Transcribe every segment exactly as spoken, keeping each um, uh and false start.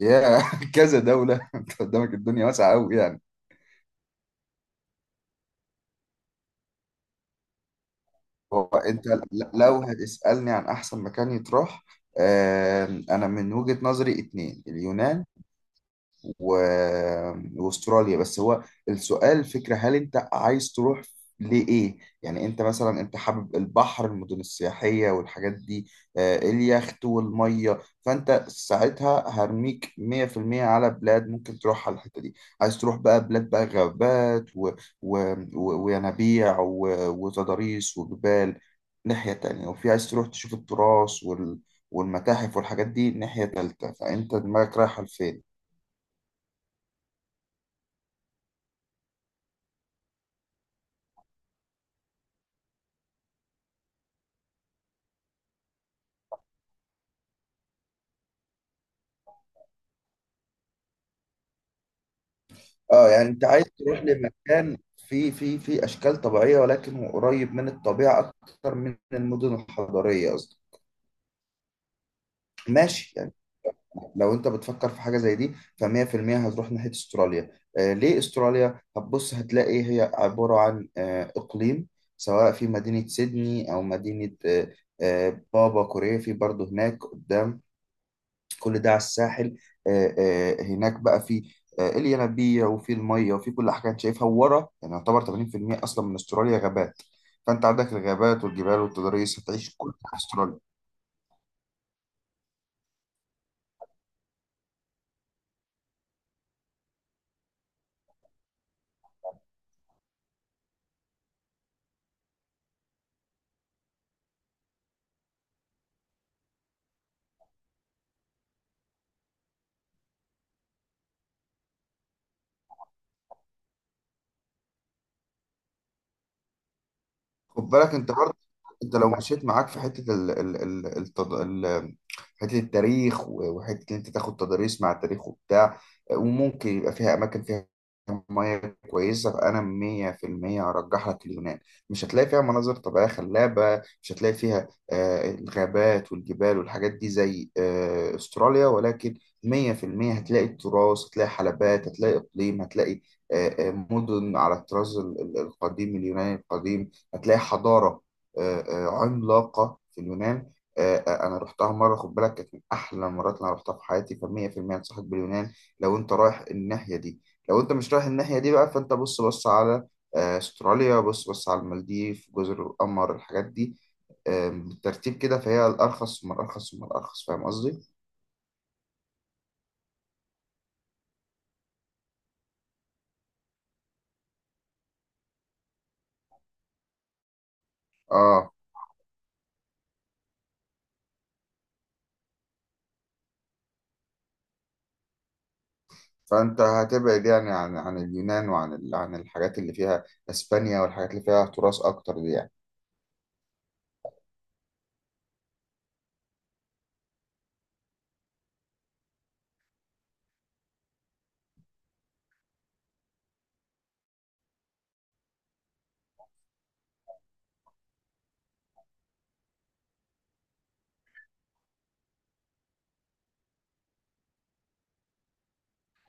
يا كذا دولة انت قدامك الدنيا واسعة قوي يعني. هو انت ل- لو هتسألني عن احسن مكان يتروح، آم، انا من وجهة نظري اتنين: اليونان و... واستراليا. بس هو السؤال فكرة: هل انت عايز تروح لإيه؟ يعني انت مثلا انت حابب البحر، المدن السياحية والحاجات دي، آه، اليخت والمية، فانت ساعتها هرميك مية في المية على بلاد ممكن تروح على الحتة دي. عايز تروح بقى بلاد بقى غابات و... و... و... وينابيع و... وتضاريس وجبال ناحية تانية، وفي عايز تروح تشوف التراث وال... والمتاحف والحاجات دي ناحية تالتة، فأنت دماغك رايحة لفين؟ اه، يعني انت عايز تروح لمكان فيه فيه فيه اشكال طبيعيه، ولكن هو قريب من الطبيعه اكتر من المدن الحضريه، قصدي. ماشي، يعني لو انت بتفكر في حاجه زي دي، ف100% هتروح ناحيه استراليا. آه، ليه استراليا؟ هتبص هتلاقي هي عباره عن آه اقليم، سواء في مدينه سيدني او مدينه آه آه بابا كوريا، في برضه هناك قدام، كل ده على الساحل. آه، آه، هناك بقى في آه، الينابيع، وفي الميه، وفي كل حاجه انت شايفها ورا. يعني يعتبر تمانين في المية اصلا من استراليا غابات، فانت عندك الغابات والجبال والتضاريس، هتعيش كل حاجة في استراليا. خد بالك انت برضه، انت لو مشيت معاك في حته ال ال ال التد... ال حته التاريخ، و- وحته ان انت تاخد تداريس مع التاريخ وبتاع، وممكن يبقى فيها اماكن فيها ميه كويسه، فانا مية في المية هرجح لك اليونان. مش هتلاقي فيها مناظر طبيعيه خلابه، مش هتلاقي فيها آه، الغابات والجبال والحاجات دي زي آه، استراليا، ولكن مية في المية هتلاقي التراث، هتلاقي حلبات، هتلاقي اقليم، هتلاقي آه، آه، مدن على الطراز ال- ال- القديم، اليوناني القديم. هتلاقي حضارة آه، آه، عملاقة في اليونان. آه، آه، أنا رحتها مرة، خد بالك، كانت من أحلى المرات اللي أنا رحتها في حياتي، فمية في المية أنصحك باليونان لو أنت رايح الناحية دي. لو أنت مش رايح الناحية دي بقى، فأنت بص بص على آه، أستراليا، بص بص على المالديف، جزر القمر، الحاجات دي آه، بالترتيب كده، فهي الأرخص ثم الأرخص ثم الأرخص، فاهم قصدي؟ آه فأنت هتبعد يعني عن عن اليونان، وعن ال- عن الحاجات اللي فيها إسبانيا والحاجات اللي فيها تراث أكتر دي، يعني.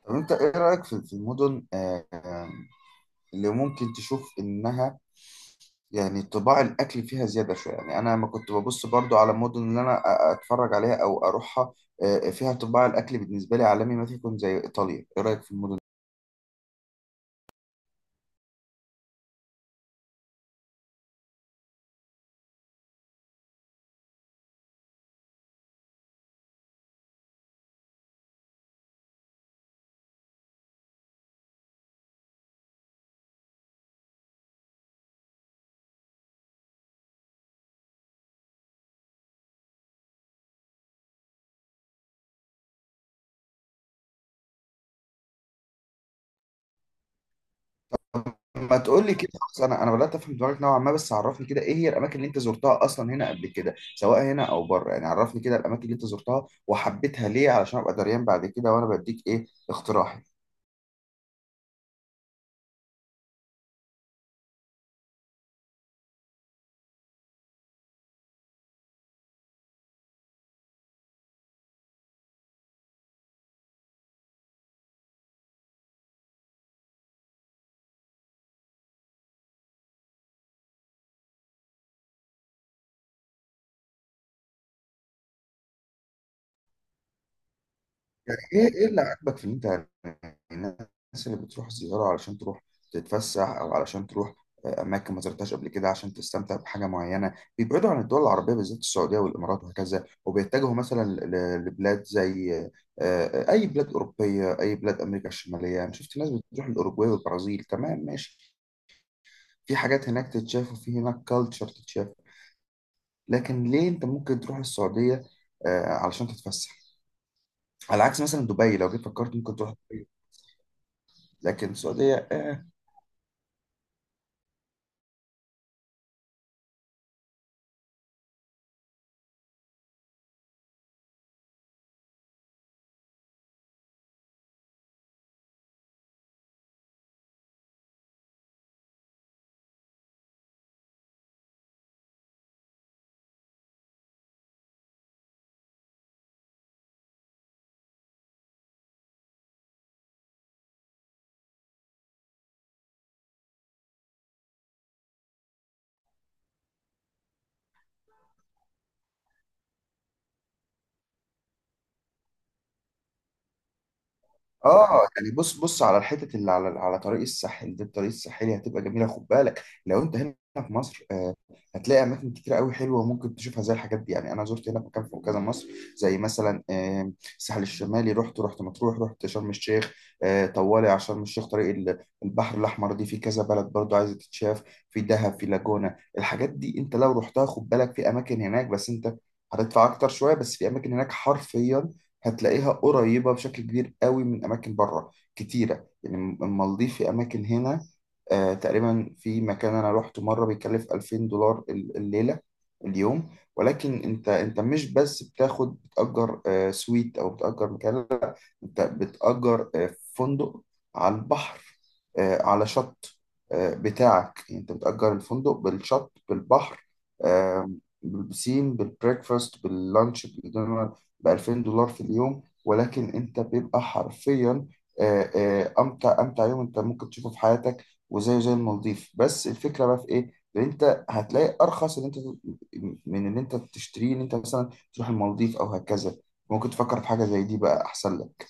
طب انت ايه رأيك في في المدن آه، آه، اللي ممكن تشوف انها يعني طباع الاكل فيها زيادة شوية؟ يعني انا لما كنت ببص برضو على المدن اللي انا أ- أ- اتفرج عليها او اروحها، آه، فيها طباع الاكل بالنسبة لي عالمي، ما تكون زي ايطاليا. ايه رأيك في المدن دي؟ ما تقول لي كده خلاص، انا انا بدأت افهم دماغك نوعا ما. بس عرفني كده، ايه هي الاماكن اللي انت زرتها اصلا هنا قبل كده، سواء هنا او بره؟ يعني عرفني كده الاماكن اللي انت زرتها وحبيتها ليه، علشان ابقى دريان بعد كده وانا بديك ايه اقتراحي. يعني ايه ايه اللي عاجبك في ان انت، يعني الناس اللي بتروح زيارة علشان تروح تتفسح، او علشان تروح آه، اماكن ما زرتهاش قبل كده عشان تستمتع بحاجه معينه، بيبعدوا عن الدول العربيه بالذات، السعوديه والامارات وهكذا، وبيتجهوا مثلا ل- لبلاد زي آه، آه، اي بلاد اوروبيه، اي بلاد امريكا الشماليه. انا شفت ناس بتروح الاوروجواي والبرازيل، تمام، ماشي، في حاجات هناك تتشاف، وفي هناك كالتشر تتشاف. لكن ليه انت ممكن تروح السعوديه آه، علشان تتفسح، على عكس مثلا دبي لو جيت فكرت ممكن تروح؟ لكن السعودية، اه آه، يعني بص بص على الحتت اللي على على طريق الساحل ده. الطريق الساحلي هتبقى جميلة. خد بالك، لو انت هنا في مصر، آه هتلاقي اماكن كتير قوي حلوه ممكن تشوفها زي الحاجات دي. يعني انا زرت هنا مكان في كذا مصر، زي مثلا آه، الساحل الشمالي، رحت رحت مطروح، رحت شرم الشيخ، آه، طوالي على شرم الشيخ. طريق ال- البحر الاحمر دي، في كذا بلد برضو عايزه تتشاف، في دهب، في لاجونا، الحاجات دي. انت لو رحتها خد بالك، في اماكن هناك بس انت هتدفع اكتر شويه، بس في اماكن هناك حرفيا هتلاقيها قريبة بشكل كبير قوي من أماكن بره كتيرة، يعني. المالديف في أماكن هنا، آه تقريبا، في مكان أنا روحته مرة بيكلف الفين دولار ال- الليلة، اليوم. ولكن أنت أنت مش بس بتاخد بتأجر آه سويت، أو بتأجر مكان، انت بتأجر آه، فندق على البحر، آه، على شط آه، بتاعك، يعني انت بتأجر الفندق بالشط بالبحر، آه، بالبسين، بالبريكفاست، باللانش، بالدينر، ب الفين دولار في اليوم. ولكن انت بيبقى حرفيا آه، آه، امتع امتع يوم انت ممكن تشوفه في حياتك، وزي زي المالديف. بس الفكره بقى في ايه؟ ان انت هتلاقي ارخص ان انت من ان انت تشتريه، ان انت مثلا تروح المالديف او هكذا، ممكن تفكر في حاجه زي دي بقى، احسن لك.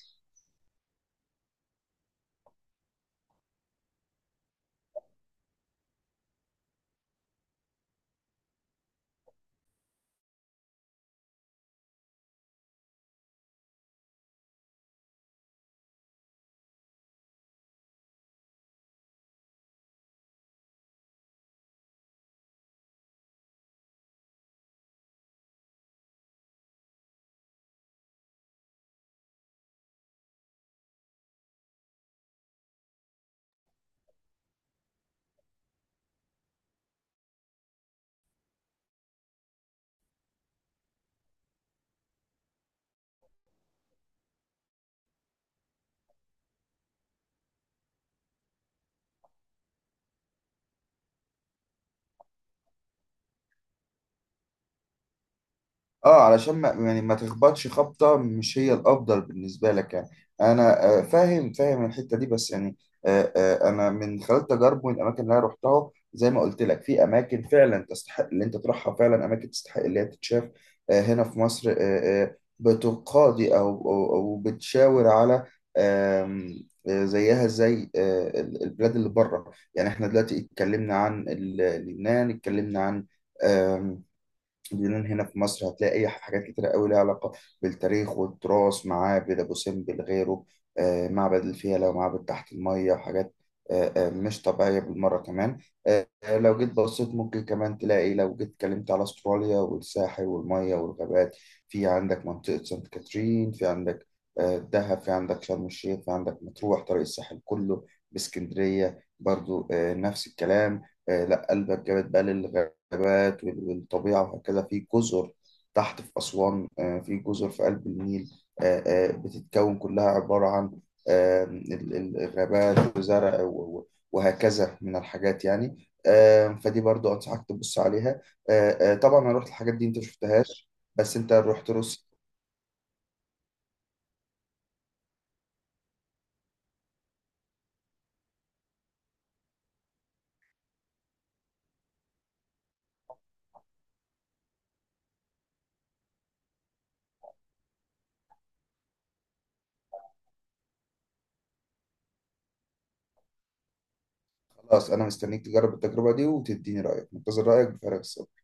اه علشان ما يعني ما تخبطش خبطة مش هي الأفضل بالنسبة لك، يعني أنا آه، فاهم فاهم الحتة دي، بس يعني آه، آه، أنا من خلال تجارب من الأماكن اللي أنا رحتها، زي ما قلت لك، في أماكن فعلا تستحق اللي أنت تروحها، فعلا أماكن تستحق اللي هي تتشاف. آه، هنا في مصر آه، آه، بتقاضي أو أو أو بتشاور على آم، آه، زيها زي آه، ال- البلاد اللي بره، يعني احنا دلوقتي اتكلمنا عن ال- لبنان، اتكلمنا عن ديلان. هنا في مصر هتلاقي أي حاجات كتيرة قوي ليها علاقة بالتاريخ والتراث: معابد أبو سمبل غيره، آه، معبد الفيلة، ومعبد تحت المية، وحاجات آه، آه، مش طبيعية بالمرة كمان. آه، آه، لو جيت بصيت ممكن كمان تلاقي، لو جيت اتكلمت على أستراليا والساحل والمية والغابات، في عندك منطقة سانت كاترين، في عندك آه، دهب، في عندك شرم الشيخ، في عندك مطروح، طريق الساحل كله، باسكندرية برضو آه، نفس الكلام. آه، لا قلبك جابت بقى للغابات، الغابات وال- والطبيعة وهكذا، في جزر تحت في أسوان آه، في جزر في قلب النيل آه، آه، بتتكون كلها عبارة عن آه، ال- ال- الغابات، وزرع و- و- وهكذا من الحاجات، يعني آه، فدي برضو أنصحك تبص عليها. آه، آه، طبعا أنا رحت الحاجات دي أنت شفتهاش، بس أنت رحت روسيا. خلاص، أنا مستنيك تجرب التجربة دي وتديني رأيك، منتظر رأيك بفارغ الصبر.